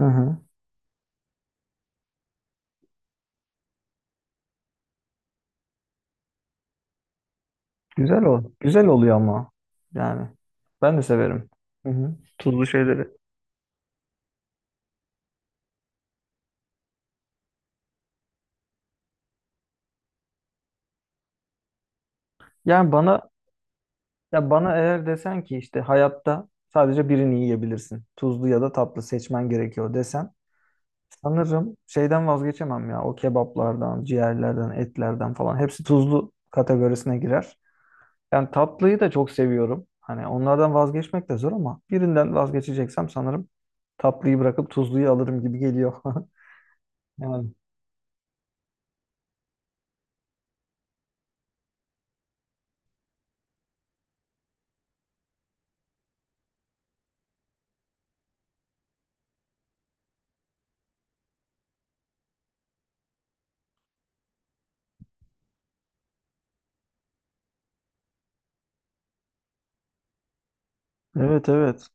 Hı hı. Güzel ol. Güzel oluyor ama. Yani ben de severim. Hı hı. Tuzlu şeyleri. Yani bana ya bana eğer desen ki işte hayatta sadece birini yiyebilirsin. Tuzlu ya da tatlı seçmen gerekiyor desen sanırım şeyden vazgeçemem ya. O kebaplardan, ciğerlerden, etlerden falan hepsi tuzlu kategorisine girer. Yani tatlıyı da çok seviyorum. Hani onlardan vazgeçmek de zor ama birinden vazgeçeceksem sanırım tatlıyı bırakıp tuzluyu alırım gibi geliyor. Yani evet evet.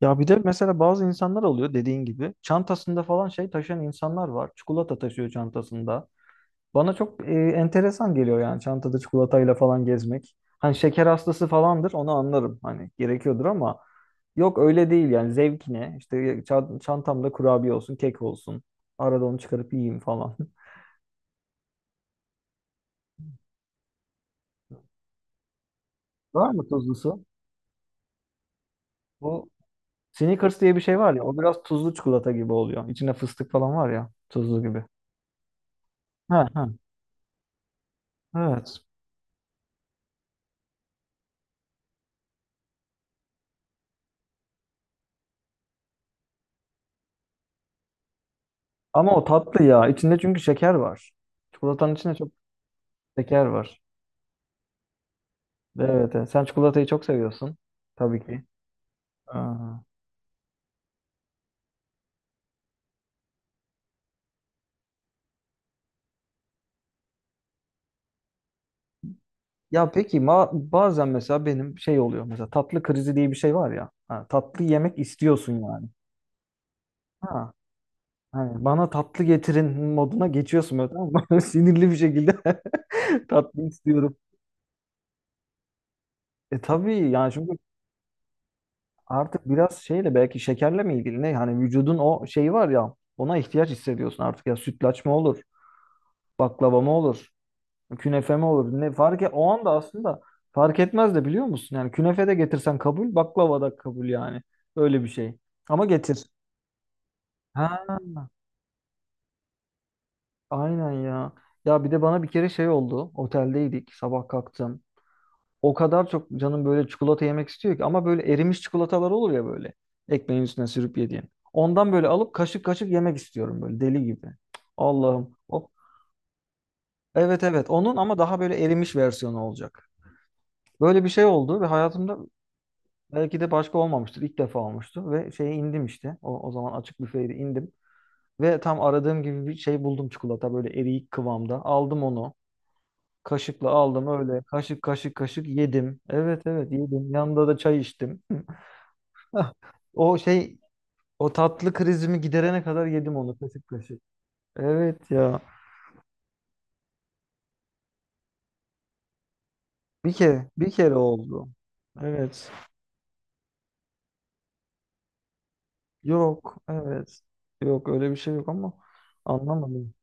Ya bir de mesela bazı insanlar oluyor dediğin gibi. Çantasında falan şey taşıyan insanlar var. Çikolata taşıyor çantasında. Bana çok enteresan geliyor yani çantada çikolatayla falan gezmek. Hani şeker hastası falandır onu anlarım. Hani gerekiyordur ama yok öyle değil yani zevkine. İşte çantamda kurabiye olsun, kek olsun. Arada onu çıkarıp yiyeyim falan. Var mı tuzlusu? Bu Snickers diye bir şey var ya o biraz tuzlu çikolata gibi oluyor. İçinde fıstık falan var ya tuzlu gibi. Ha ha. Evet. Ama o tatlı ya. İçinde çünkü şeker var. Çikolatanın içinde çok şeker var. Evet, evet. Sen çikolatayı çok seviyorsun. Tabii ki. Aa. Ya peki ma bazen mesela benim şey oluyor. Mesela tatlı krizi diye bir şey var ya. Ha, tatlı yemek istiyorsun yani. Ha. Hani bana tatlı getirin moduna geçiyorsun böyle tamam mı? Sinirli bir şekilde tatlı istiyorum. E tabii yani çünkü artık biraz şeyle belki şekerle mi ilgili ne? Hani vücudun o şeyi var ya ona ihtiyaç hissediyorsun artık ya sütlaç mı olur? Baklava mı olur? Künefe mi olur? Ne fark et, o anda aslında fark etmez de biliyor musun? Yani künefe de getirsen kabul, baklava da kabul yani. Öyle bir şey. Ama getir. Ha, aynen ya. Ya bir de bana bir kere şey oldu. Oteldeydik. Sabah kalktım. O kadar çok canım böyle çikolata yemek istiyor ki ama böyle erimiş çikolatalar olur ya böyle. Ekmeğin üstüne sürüp yediğin. Ondan böyle alıp kaşık kaşık yemek istiyorum böyle deli gibi. Allah'ım. Evet evet onun ama daha böyle erimiş versiyonu olacak. Böyle bir şey oldu ve hayatımda belki de başka olmamıştır. İlk defa olmuştu ve şeye indim işte. O zaman açık büfeydi indim. Ve tam aradığım gibi bir şey buldum çikolata böyle eriyik kıvamda. Aldım onu. Kaşıkla aldım öyle. Kaşık kaşık yedim. Evet evet yedim. Yanında da çay içtim. O şey o tatlı krizimi giderene kadar yedim onu kaşık kaşık. Evet ya. Bir kere oldu. Evet. Yok evet. Yok öyle bir şey yok ama anlamadım.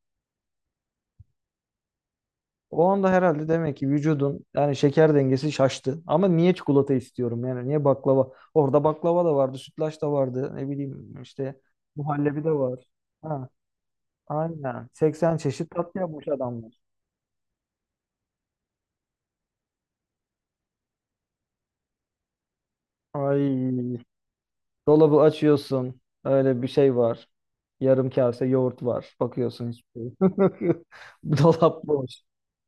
O anda herhalde demek ki vücudun yani şeker dengesi şaştı. Ama niye çikolata istiyorum yani niye baklava? Orada baklava da vardı, sütlaç da vardı. Ne bileyim işte muhallebi de var. Ha, aynen. 80 çeşit tat yapmış adamlar. Ay, dolabı açıyorsun. Öyle bir şey var. Yarım kase yoğurt var. Bakıyorsun hiçbir şey yok. Dolap boş.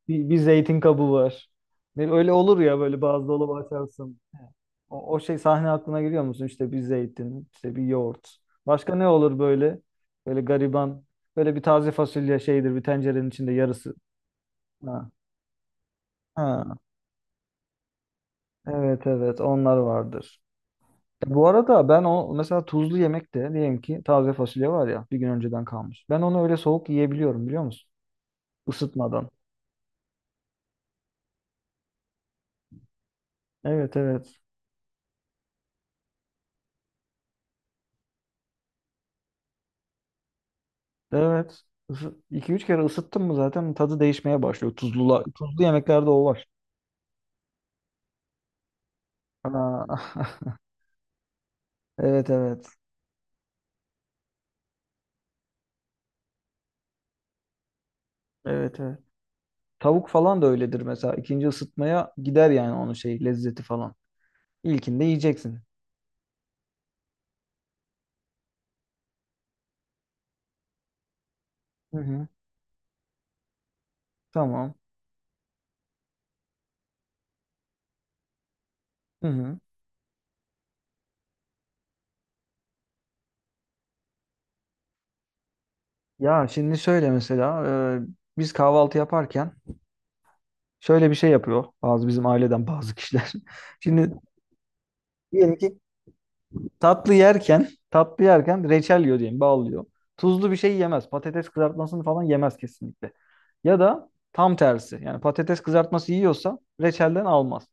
Bir zeytin kabı var. Öyle olur ya böyle bazı dolabı açarsın. O şey sahne aklına geliyor musun? İşte bir zeytin, işte bir yoğurt. Başka ne olur böyle? Böyle gariban. Böyle bir taze fasulye şeydir bir tencerenin içinde yarısı. Ha. Ha. Evet evet onlar vardır. Bu arada ben o mesela tuzlu yemekte diyelim ki taze fasulye var ya bir gün önceden kalmış. Ben onu öyle soğuk yiyebiliyorum biliyor musun? Isıtmadan. Evet evet. Evet. 2 3 kere ısıttın mı zaten tadı değişmeye başlıyor. Tuzlu yemeklerde o var. Aa, evet evet. Evet evet. Tavuk falan da öyledir mesela. İkinci ısıtmaya gider yani onun şey lezzeti falan. İlkinde yiyeceksin. Hı hı. Tamam. Hı hı. Ya şimdi şöyle mesela e, biz kahvaltı yaparken şöyle bir şey yapıyor bazı bizim aileden bazı kişiler. Şimdi diyelim ki tatlı yerken reçel yiyor diyelim, bağlıyor. Tuzlu bir şey yemez. Patates kızartmasını falan yemez kesinlikle. Ya da tam tersi. Yani patates kızartması yiyorsa reçelden almaz.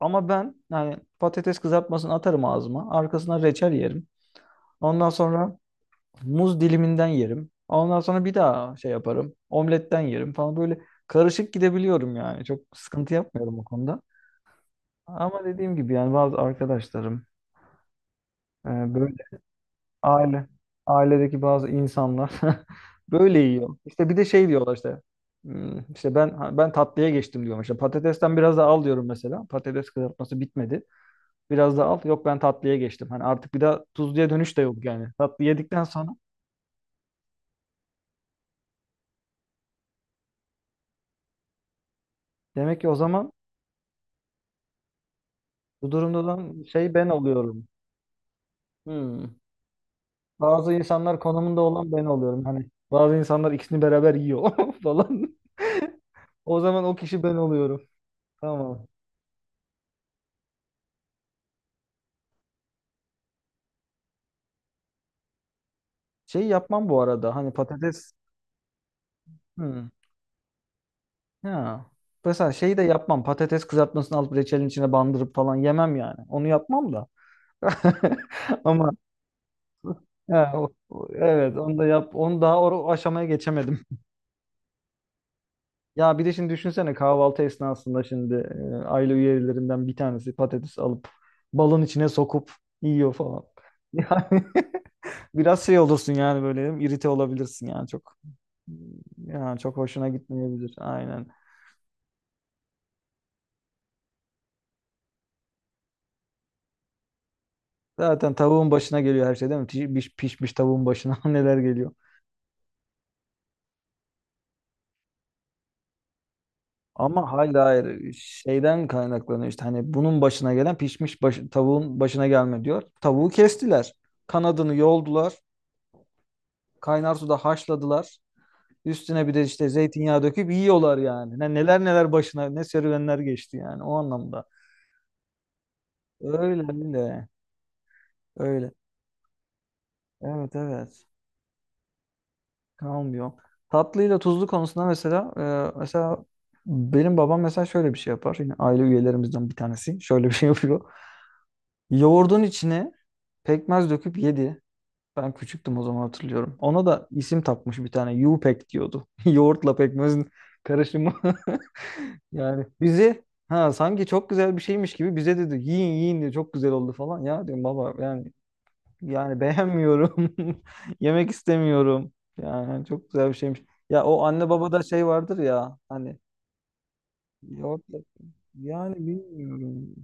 Ama ben yani patates kızartmasını atarım ağzıma. Arkasına reçel yerim. Ondan sonra muz diliminden yerim. Ondan sonra bir daha şey yaparım. Omletten yerim falan böyle karışık gidebiliyorum yani. Çok sıkıntı yapmıyorum o konuda. Ama dediğim gibi yani bazı arkadaşlarım e, böyle Aile, ailedeki bazı insanlar böyle yiyor. İşte bir de şey diyorlar işte. "Hmm, işte ben tatlıya geçtim diyorum. İşte patatesten biraz daha al diyorum mesela. Patates kızartması bitmedi. Biraz daha al. Yok ben tatlıya geçtim. Hani artık bir daha tuzluya dönüş de yok yani. Tatlı yedikten sonra demek ki o zaman bu durumda olan şey ben oluyorum. Hmm. Bazı insanlar konumunda olan ben oluyorum. Hani bazı insanlar ikisini beraber yiyor falan. O zaman o kişi ben oluyorum. Tamam. Şey yapmam bu arada. Hani patates Hmm. Ha. Mesela şeyi de yapmam. Patates kızartmasını alıp reçelin içine bandırıp falan yemem yani. Onu yapmam da. Ama ha, evet onu da yap. Onu daha o aşamaya geçemedim. Ya bir de şimdi düşünsene kahvaltı esnasında şimdi aile üyelerinden bir tanesi patates alıp balın içine sokup yiyor falan. Yani biraz şey olursun yani böyle irite olabilirsin yani çok. Ya çok hoşuna gitmeyebilir. Aynen zaten tavuğun başına geliyor her şey değil mi? Pişmiş tavuğun başına neler geliyor. Ama hayır hayır şeyden kaynaklanıyor işte hani bunun başına gelen pişmiş tavuğun başına gelme diyor. Tavuğu kestiler. Kanadını yoldular. Kaynar suda haşladılar. Üstüne bir de işte zeytinyağı döküp yiyorlar yani. Neler neler başına ne serüvenler geçti yani o anlamda. Öyle öyle öyle. Evet evet. Kalmıyor. Tatlıyla tuzlu konusunda mesela e, mesela benim babam mesela şöyle bir şey yapar. Yine aile üyelerimizden bir tanesi şöyle bir şey yapıyor. Yoğurdun içine pekmez döküp yedi. Ben küçüktüm o zaman hatırlıyorum. Ona da isim takmış bir tane. Yupek diyordu. Yoğurtla pekmezin karışımı. Yani bizi ha sanki çok güzel bir şeymiş gibi bize dedi yiyin yiyin diye çok güzel oldu falan. Ya diyorum baba yani beğenmiyorum. Yemek istemiyorum. Yani çok güzel bir şeymiş. Ya o anne babada şey vardır ya hani yoğurt, yani bilmiyorum.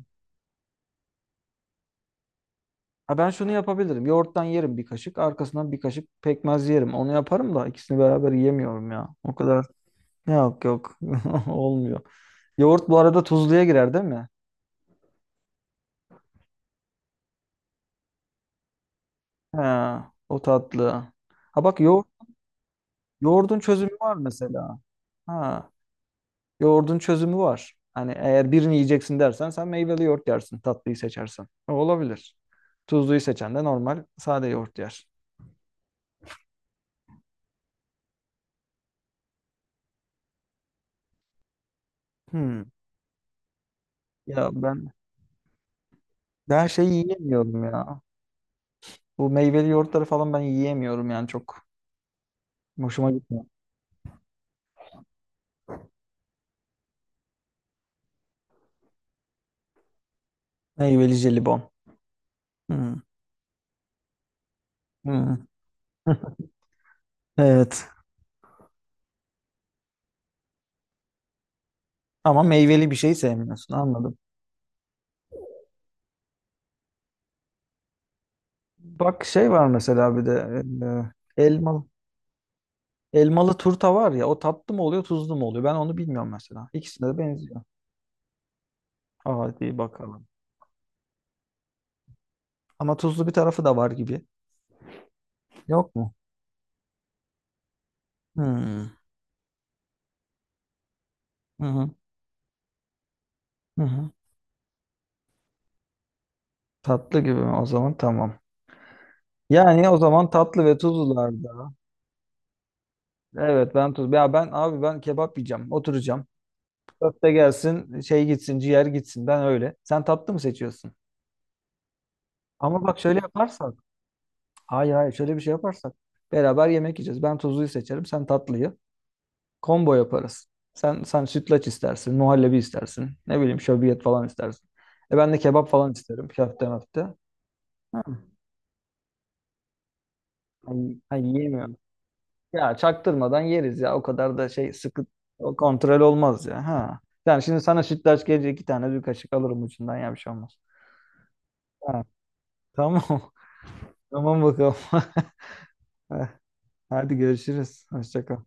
Ha ben şunu yapabilirim. Yoğurttan yerim bir kaşık. Arkasından bir kaşık pekmez yerim. Onu yaparım da ikisini beraber yiyemiyorum ya. O kadar yok yok. Olmuyor. Yoğurt bu arada tuzluya girer değil mi? Ha, o tatlı. Ha bak yoğurdun çözümü var mesela. Ha. Yoğurdun çözümü var. Hani eğer birini yiyeceksin dersen sen meyveli yoğurt yersin, tatlıyı seçersen. O olabilir. Tuzluyu seçen de normal sade yoğurt yer. Hmm. Ya ben ben şey yiyemiyorum ya. Bu meyveli yoğurtları falan ben yiyemiyorum yani çok hoşuma gitmiyor. Meyveli jelibon. Hmm. Hmm. Evet. Ama meyveli bir şey sevmiyorsun anladım. Bak şey var mesela bir de e, elmalı elmalı turta var ya o tatlı mı oluyor tuzlu mu oluyor ben onu bilmiyorum mesela. İkisinde de benziyor. Hadi bakalım. Ama tuzlu bir tarafı da var gibi. Yok mu? Hmm. Hı hı. Hı hı. Tatlı gibi mi? O zaman tamam. Yani o zaman tatlı ve tuzlularda. Evet ben tuz. Ya ben abi ben kebap yiyeceğim. Oturacağım. Köfte gelsin, şey gitsin, ciğer gitsin. Ben öyle. Sen tatlı mı seçiyorsun? Ama bak şöyle yaparsak. Hayır hayır şöyle bir şey yaparsak. Beraber yemek yiyeceğiz. Ben tuzluyu seçerim, sen tatlıyı. Combo yaparız. Sen sütlaç istersin, muhallebi istersin. Ne bileyim şöbiyet falan istersin. E ben de kebap falan isterim köfte möfte. Ha, ay yiyemiyorum. Ya çaktırmadan yeriz ya. O kadar da şey sıkı o kontrol olmaz ya. Ha. Yani şimdi sana sütlaç gelecek iki tane bir kaşık alırım ucundan ya bir şey olmaz. Ha, tamam. Tamam bakalım. Hadi görüşürüz. Hoşça kal.